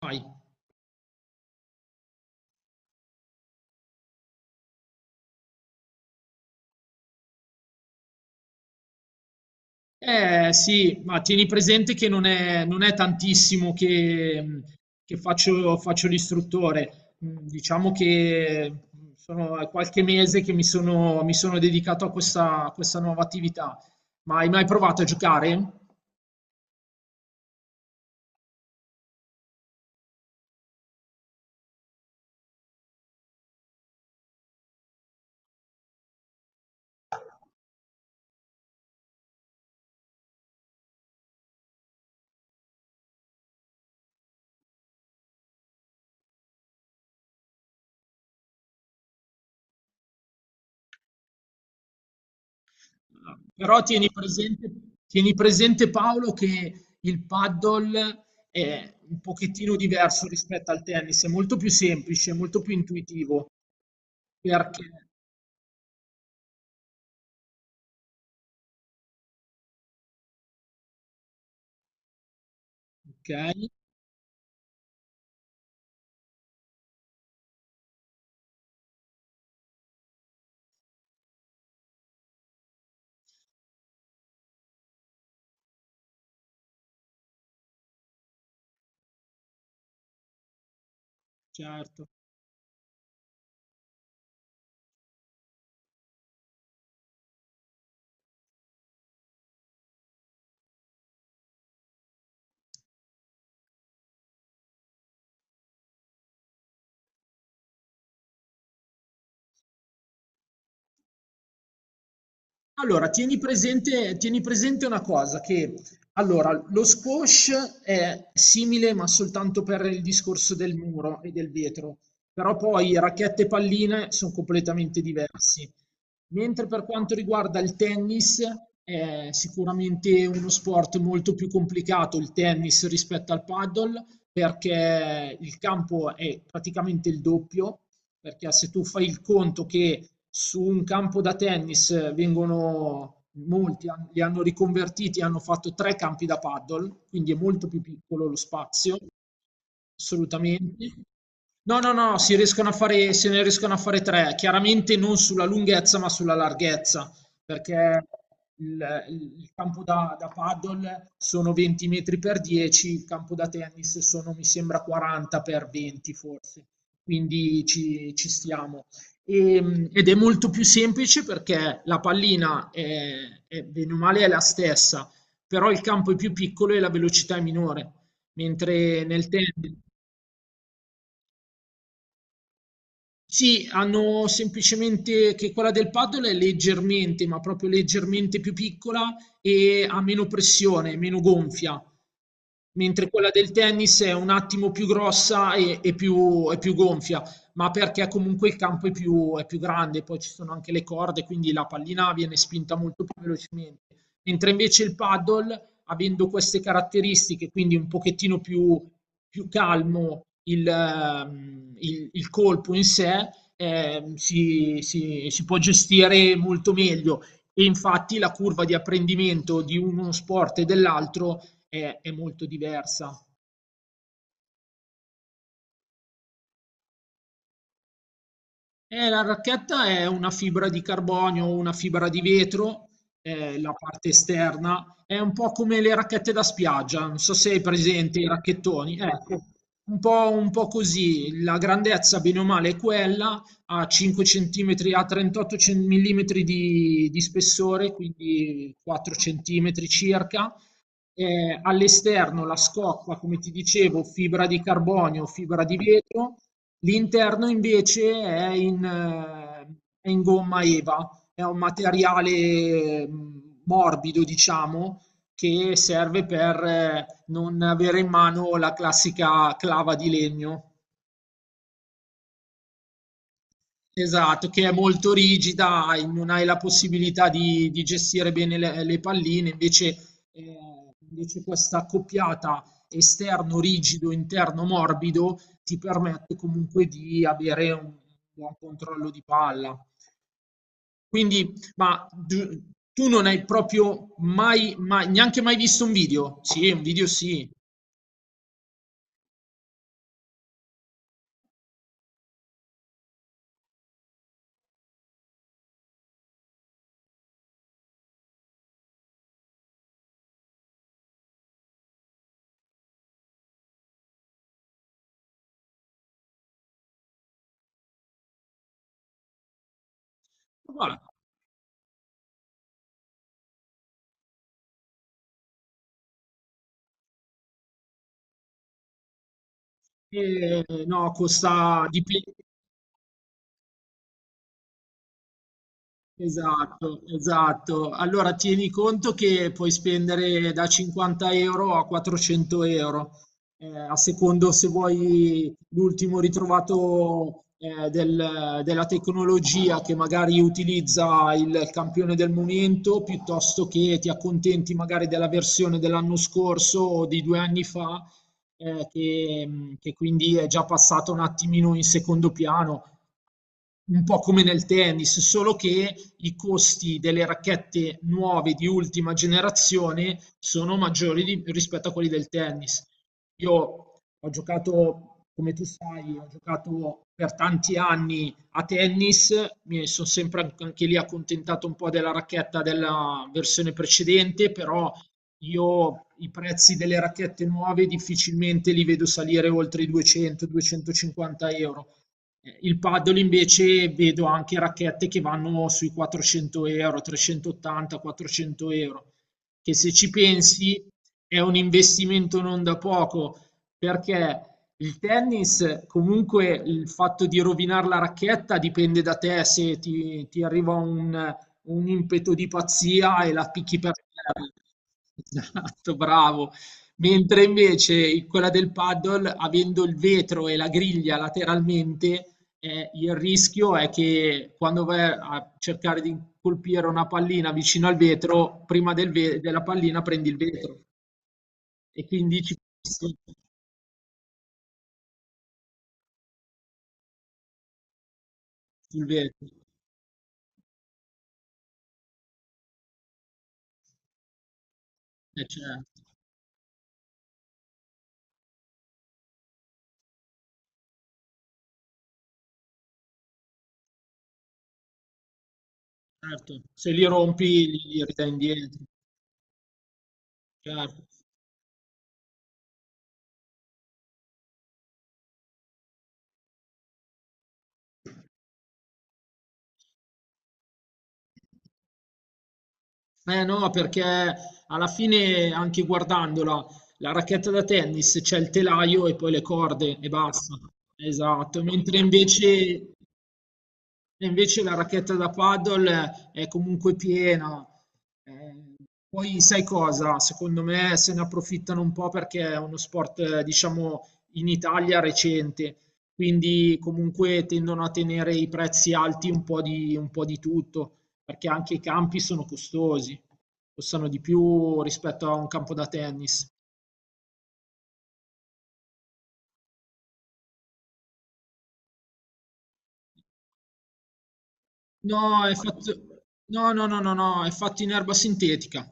Vai. Eh sì, ma tieni presente che non è tantissimo che, che faccio l'istruttore. Diciamo che sono qualche mese che mi sono dedicato a questa nuova attività. Ma hai mai provato a giocare? Però tieni presente Paolo che il paddle è un pochettino diverso rispetto al tennis, è molto più semplice, molto più intuitivo, perché, ok, certo. Allora, tieni presente una cosa, che allora, lo squash è simile ma soltanto per il discorso del muro e del vetro, però poi racchetta e palline sono completamente diversi. Mentre per quanto riguarda il tennis, è sicuramente uno sport molto più complicato il tennis rispetto al paddle, perché il campo è praticamente il doppio, perché se tu fai il conto che su un campo da tennis vengono molti, li hanno riconvertiti e hanno fatto tre campi da paddle, quindi è molto più piccolo lo spazio. Assolutamente. No, si riescono a fare, se ne riescono a fare tre, chiaramente non sulla lunghezza ma sulla larghezza, perché il campo da paddle sono 20 metri per 10, il campo da tennis sono, mi sembra, 40 per 20 forse, quindi ci stiamo. Ed è molto più semplice perché la pallina, bene o male è la stessa, però il campo è più piccolo e la velocità è minore, mentre nel tennis... Sì, hanno semplicemente che quella del paddle è leggermente, ma proprio leggermente più piccola e ha meno pressione, meno gonfia, mentre quella del tennis è un attimo più grossa e più gonfia, ma perché comunque il campo è più grande, poi ci sono anche le corde, quindi la pallina viene spinta molto più velocemente, mentre invece il paddle, avendo queste caratteristiche, quindi un pochettino più più calmo il, il colpo in sé, si può gestire molto meglio. E infatti la curva di apprendimento di uno sport e dell'altro è molto diversa. La racchetta è una fibra di carbonio o una fibra di vetro, la parte esterna. È un po' come le racchette da spiaggia, non so se hai presente i racchettoni. Ecco, un po' così. La grandezza, bene o male, è quella, a 5 cm, a 38 cm di spessore, quindi 4 cm circa all'esterno la scocca, come ti dicevo, fibra di carbonio, fibra di vetro, l'interno invece è in gomma EVA, è un materiale morbido, diciamo, che serve per non avere in mano la classica clava di legno. Esatto, che è molto rigida, non hai la possibilità di gestire bene le palline, invece, invece questa accoppiata esterno rigido, interno morbido ti permette comunque di avere un buon controllo di palla. Quindi, tu non hai proprio neanche mai visto un video? Sì, un video sì. Guarda, no, costa di più. Esatto, esatto. Allora tieni conto che puoi spendere da 50 euro a 400 euro, a secondo se vuoi l'ultimo ritrovato della tecnologia che magari utilizza il campione del momento, piuttosto che ti accontenti magari della versione dell'anno scorso o di due anni fa, eh, che che quindi è già passato un attimino in secondo piano. Un po' come nel tennis, solo che i costi delle racchette nuove di ultima generazione sono maggiori rispetto a quelli del tennis. Io ho giocato, come tu sai, ho giocato per tanti anni a tennis, mi sono sempre an- anche lì accontentato un po' della racchetta della versione precedente, però io i prezzi delle racchette nuove difficilmente li vedo salire oltre i 200-250 euro. Il paddle invece vedo anche racchette che vanno sui 400 euro, 380, 400 euro, che se ci pensi è un investimento non da poco, perché il tennis, comunque il fatto di rovinare la racchetta dipende da te, se ti arriva un impeto di pazzia e la picchi per terra. Esatto, bravo. Mentre invece quella del paddle, avendo il vetro e la griglia lateralmente, il rischio è che quando vai a cercare di colpire una pallina vicino al vetro, prima della pallina prendi il vetro e quindi ci passi sul vetro. Eh, certo, certo. Se li rompi li ridai indietro. Certo. Eh no, perché alla fine anche guardandola, la racchetta da tennis c'è il telaio e poi le corde e basta. Esatto, mentre invece la racchetta da paddle è comunque piena. Eh, poi sai cosa? Secondo me se ne approfittano un po' perché è uno sport, diciamo, in Italia recente, quindi comunque tendono a tenere i prezzi alti un po' di tutto, perché anche i campi sono costosi, costano di più rispetto a un campo da tennis. No, è fatto... No, è fatto in erba sintetica.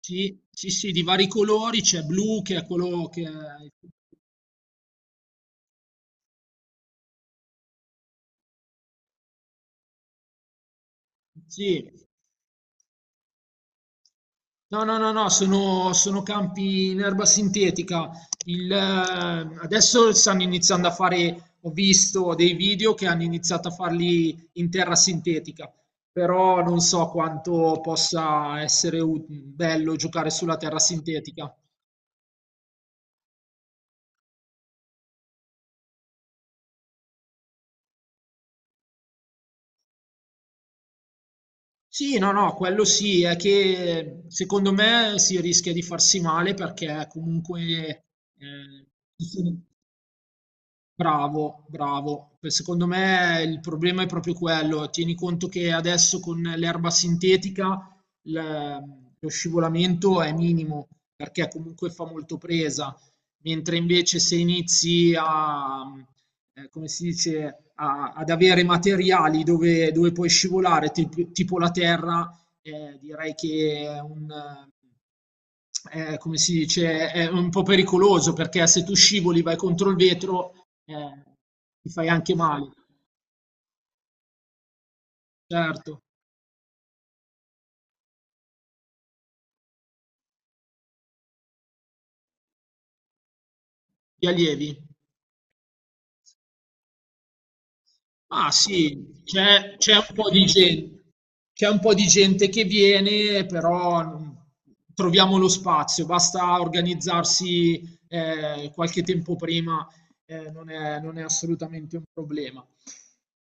Sì, di vari colori, c'è blu che è quello che è... Sì, no, no, no, no, sono, sono campi in erba sintetica. Il, adesso stanno iniziando a fare, ho visto dei video che hanno iniziato a farli in terra sintetica, però non so quanto possa essere bello giocare sulla terra sintetica. Sì, no, no, quello sì, è che secondo me si rischia di farsi male perché comunque eh, bravo. Beh, secondo me il problema è proprio quello. Tieni conto che adesso con l'erba sintetica l- lo scivolamento è minimo perché comunque fa molto presa, mentre invece se inizi a, come si dice, ad avere materiali dove, dove puoi scivolare, tipo la terra, direi che è un, come si dice, è un po' pericoloso perché se tu scivoli vai contro il vetro eh, ti fai anche male, certo. Gli allievi? Ah sì, c'è un po' di gente, c'è un po' di gente che viene, però non- troviamo lo spazio, basta organizzarsi qualche tempo prima, non è assolutamente un problema.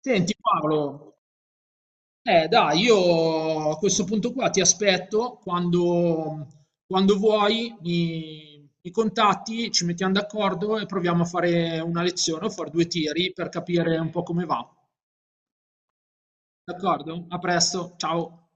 Senti Paolo, eh dai, io a questo punto qua ti aspetto quando vuoi, mi contatti, ci mettiamo d'accordo e proviamo a fare una lezione o fare due tiri per capire un po' come va. D'accordo? A presto, ciao.